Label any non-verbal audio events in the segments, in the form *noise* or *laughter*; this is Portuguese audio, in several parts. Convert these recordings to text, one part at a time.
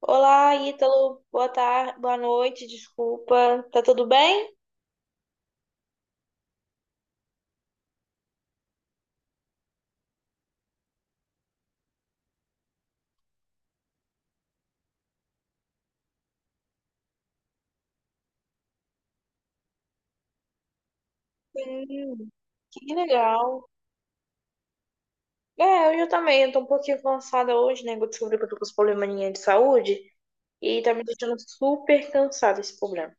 Olá, Ítalo. Boa tarde, boa noite, desculpa. Tá tudo bem? Sim, que legal. É, hoje eu também. Eu tô um pouquinho cansada hoje, né? que Eu descobri que eu tô com esse probleminha de saúde e tá me deixando super cansada esse problema.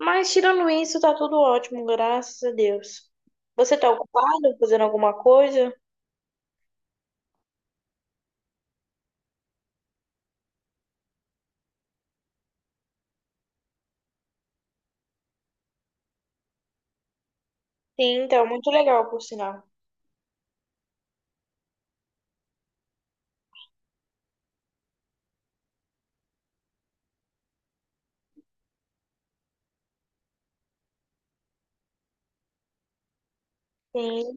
Mas tirando isso, tá tudo ótimo, graças a Deus. Você tá ocupado fazendo alguma coisa? Sim, então muito legal, por sinal. Sim,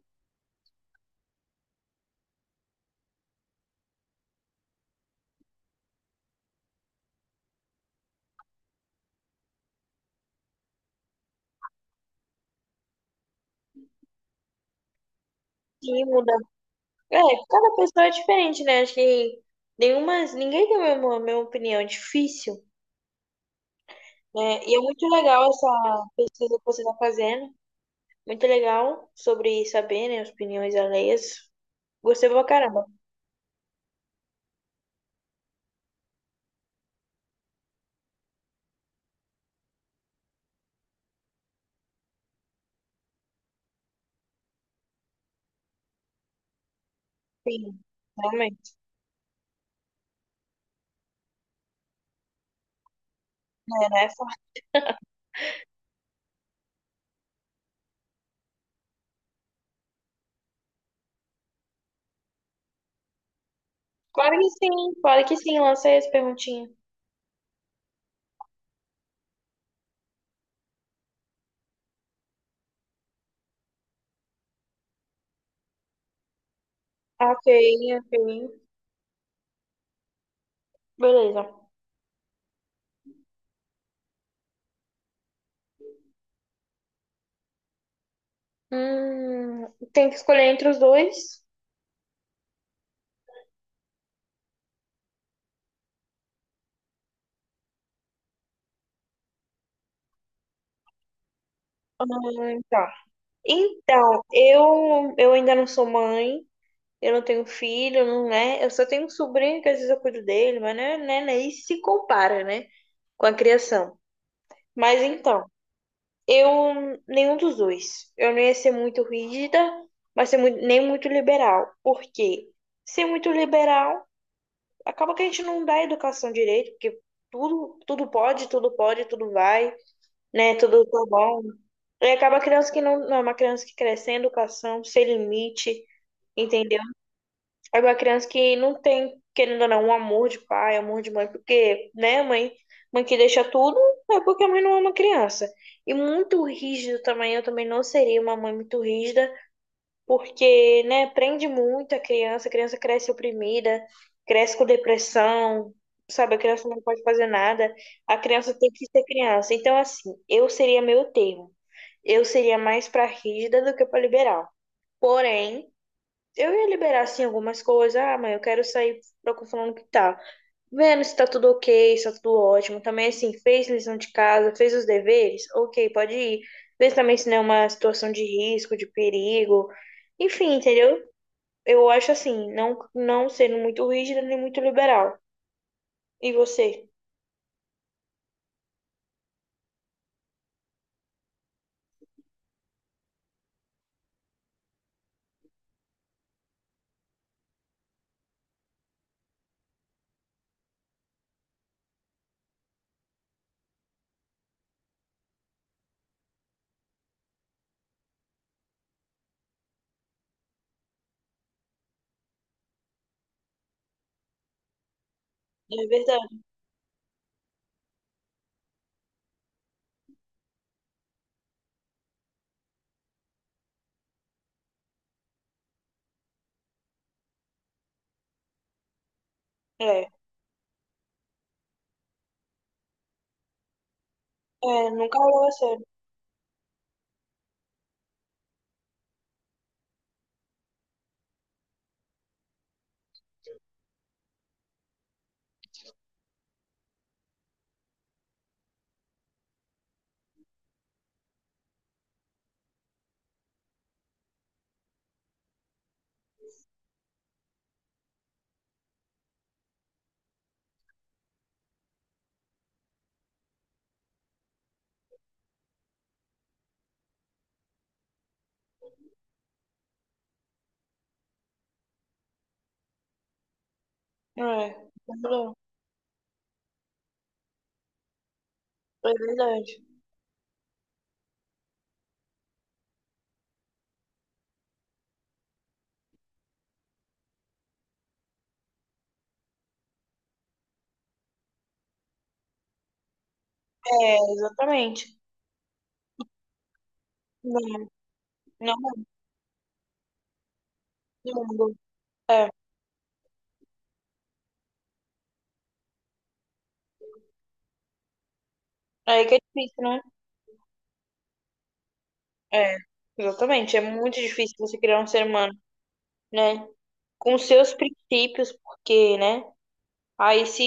sim, muda. É, cada pessoa é diferente, né? Acho que nenhuma, ninguém tem a mesma opinião. É difícil. Né? E é muito legal essa pesquisa que você está fazendo. Muito legal sobre saber, né, as opiniões alheias. Gostei pra caramba. Sim, realmente, né? Nessa. Claro que sim, claro que sim. Lancei as perguntinhas. Ah, ok, ok. Beleza. Hum, tem que escolher entre os dois. Tá. Então, eu ainda não sou mãe, eu não tenho filho, não, né? Eu só tenho um sobrinho que às vezes eu cuido dele, mas né, isso se compara, né? Com a criação. Mas então, eu nenhum dos dois. Eu não ia ser muito rígida, mas ser nem muito liberal. Por quê? Ser muito liberal, acaba que a gente não dá educação direito, porque tudo, tudo pode, tudo pode, tudo vai, né? Tudo tá bom. E acaba a criança que não é uma criança que cresce sem educação, sem limite, entendeu? É uma criança que não tem, querendo ou não, um amor de pai, amor de mãe, porque, né, mãe que deixa tudo é porque a mãe não ama a criança. E muito rígido também, eu também não seria uma mãe muito rígida, porque, né, prende muito a criança cresce oprimida, cresce com depressão, sabe? A criança não pode fazer nada, a criança tem que ser criança. Então, assim, eu seria meio termo. Eu seria mais pra rígida do que pra liberal. Porém, eu ia liberar, assim, algumas coisas. Ah, mas eu quero sair falando que tá. Vendo se tá tudo ok, se tá tudo ótimo. Também, assim, fez lição de casa, fez os deveres. Ok, pode ir. Vê também se não é uma situação de risco, de perigo. Enfim, entendeu? Eu acho assim, não sendo muito rígida nem muito liberal. E você? É verdade. É. É, nunca levou a sério. É. Não, é verdade. É, exatamente. Não, não, não. É. Aí que é difícil, né? É, exatamente. É muito difícil você criar um ser humano, né? Com seus princípios, porque, né? Aí se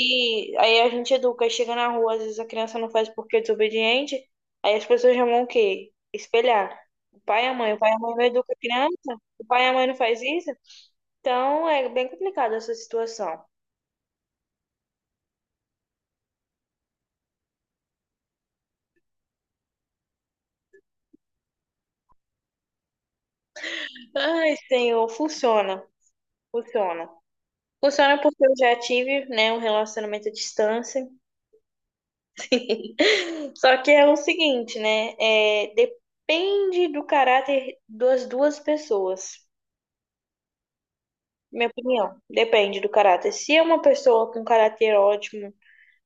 aí a gente educa, aí chega na rua, às vezes a criança não faz porque é desobediente, aí as pessoas chamam o quê? Espelhar. O pai e a mãe, o pai e a mãe não educa a criança, o pai e a mãe não faz isso. Então é bem complicada essa situação. Ai, Senhor, funciona, funciona. Funciona porque eu já tive, né, um relacionamento à distância. *laughs* Só que é o seguinte, né? É, depende do caráter das duas pessoas. Minha opinião, depende do caráter. Se é uma pessoa com caráter ótimo,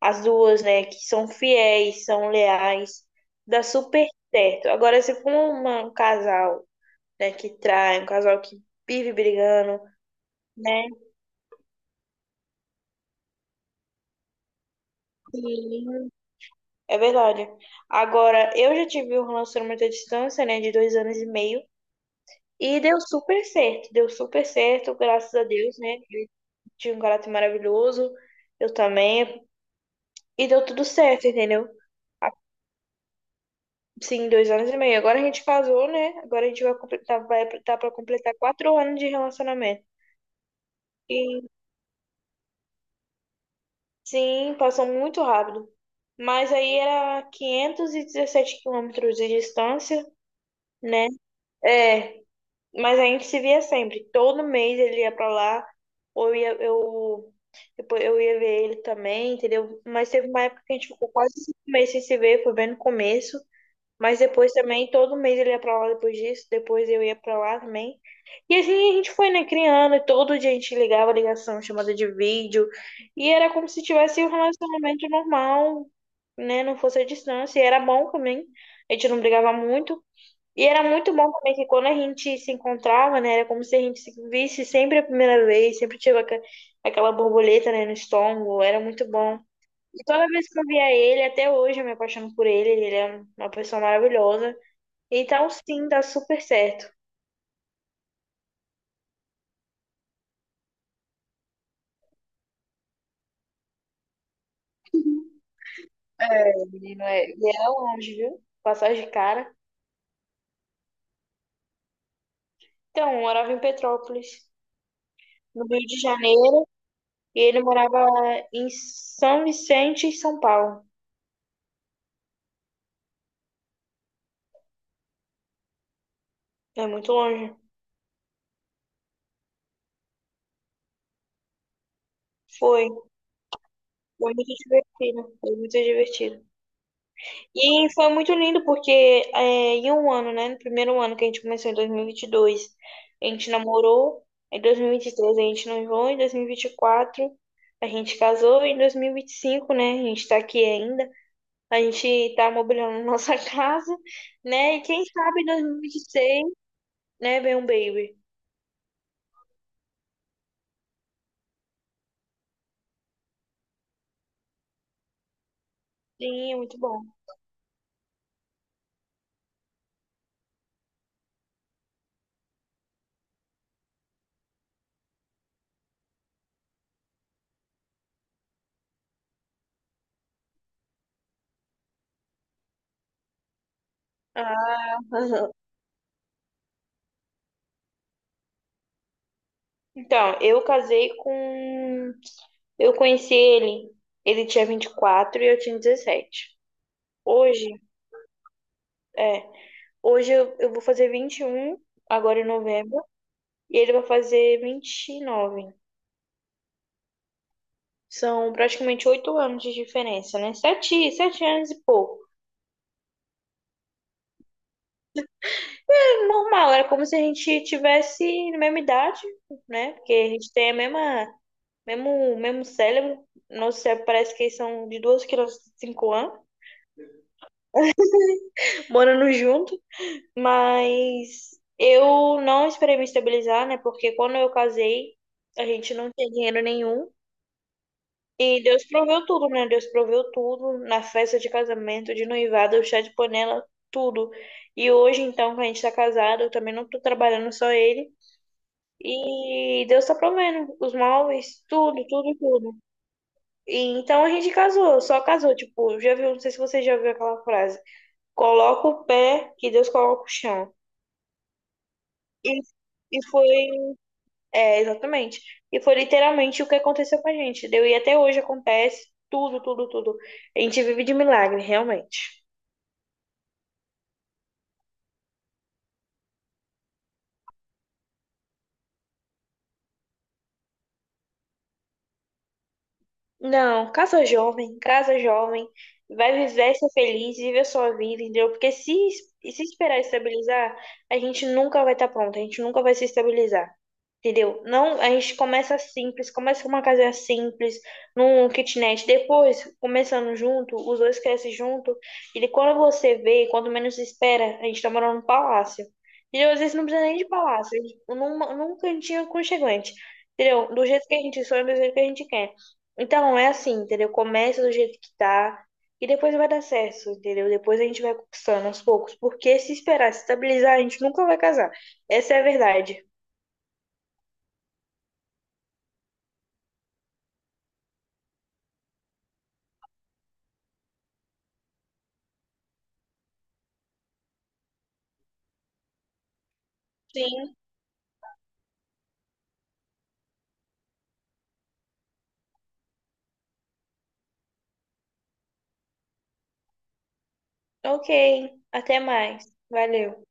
as duas, né, que são fiéis, são leais, dá super certo. Agora, se for um casal, né, que trai, um casal que vive brigando, né, que- é verdade. Agora, eu já tive um relacionamento à distância, né, de 2 anos e meio. E deu super certo, graças a Deus, né? Ele tinha um caráter maravilhoso, eu também. E deu tudo certo, entendeu? Sim, 2 anos e meio. Agora a gente casou, né? Agora a gente vai completar, tá, vai tá pra completar 4 anos de relacionamento. E sim, passou muito rápido. Mas aí era 517 quilômetros de distância, né? É, mas a gente se via sempre. Todo mês ele ia pra lá, ou eu ia, depois eu ia ver ele também, entendeu? Mas teve uma época que a gente ficou quase 5 meses sem se ver, foi bem no começo. Mas depois também, todo mês ele ia pra lá depois disso, depois eu ia pra lá também. E assim a gente foi, né, criando, e todo dia a gente ligava ligação, chamada de vídeo, e era como se tivesse um relacionamento normal, né, não fosse a distância, e era bom também, a gente não brigava muito, e era muito bom também que quando a gente se encontrava, né? Era como se a gente se visse sempre a primeira vez, sempre tinha aquela borboleta, né, no estômago, era muito bom. E toda vez que eu via ele, até hoje eu me apaixono por ele, ele é uma pessoa maravilhosa. Então, sim, dá super certo. É, menino, é, e era longe, viu? Passagem de cara. Então, eu morava em Petrópolis, no Rio de Janeiro, e ele morava em São Vicente, em São Paulo. É muito longe. Foi. Foi muito divertido, foi muito divertido. E foi muito lindo porque é, em um ano, né? No primeiro ano que a gente começou, em 2022, a gente namorou. Em 2023 a gente noivou, em 2024 a gente casou, em 2025, né? A gente tá aqui ainda. A gente tá mobiliando nossa *laughs* casa, né? E quem sabe em 2026, né? Vem um baby. Sim, é muito bom. Ah, *laughs* Então, eu casei com. Eu conheci ele, ele tinha 24 e eu tinha 17. Hoje, é. Hoje eu vou fazer 21 agora em novembro, e ele vai fazer 29. São praticamente 8 anos de diferença, né? Sete, 7 anos e pouco. É normal, era como se a gente tivesse na mesma idade, né? Porque a gente tem mesmo cérebro. Nosso cérebro parece que são de duas crianças de 5 anos, morando junto. Mas eu não esperei me estabilizar, né? Porque quando eu casei, a gente não tinha dinheiro nenhum. E Deus proveu tudo, né? Deus proveu tudo na festa de casamento, de noivado, o chá de panela, tudo. E hoje, então, que a gente tá casado, eu também não tô trabalhando só ele. E Deus tá provendo os móveis, tudo, tudo, tudo. E então a gente casou, só casou. Tipo, já viu, não sei se você já viu aquela frase: coloca o pé que Deus coloca o chão. E, e foi. É, exatamente. E foi literalmente o que aconteceu com a gente, deu? E até hoje acontece tudo, tudo, tudo. A gente vive de milagre, realmente. Não, casa jovem, vai viver, ser feliz, viver a sua vida, entendeu? Porque se esperar estabilizar, a gente nunca vai estar pronto, a gente nunca vai se estabilizar, entendeu? Não, a gente começa simples, começa com uma casa simples, num kitnet, depois, começando junto, os dois crescem junto, e de quando você vê, quando menos espera, a gente tá morando num palácio. Entendeu? Às vezes não precisa nem de palácio, num cantinho aconchegante, entendeu? Do jeito que a gente sonha, do jeito que a gente quer. Então, é assim, entendeu? Começa do jeito que tá e depois vai dar certo, entendeu? Depois a gente vai conquistando aos poucos, porque se esperar se estabilizar, a gente nunca vai casar. Essa é a verdade. Sim. Ok, até mais. Valeu.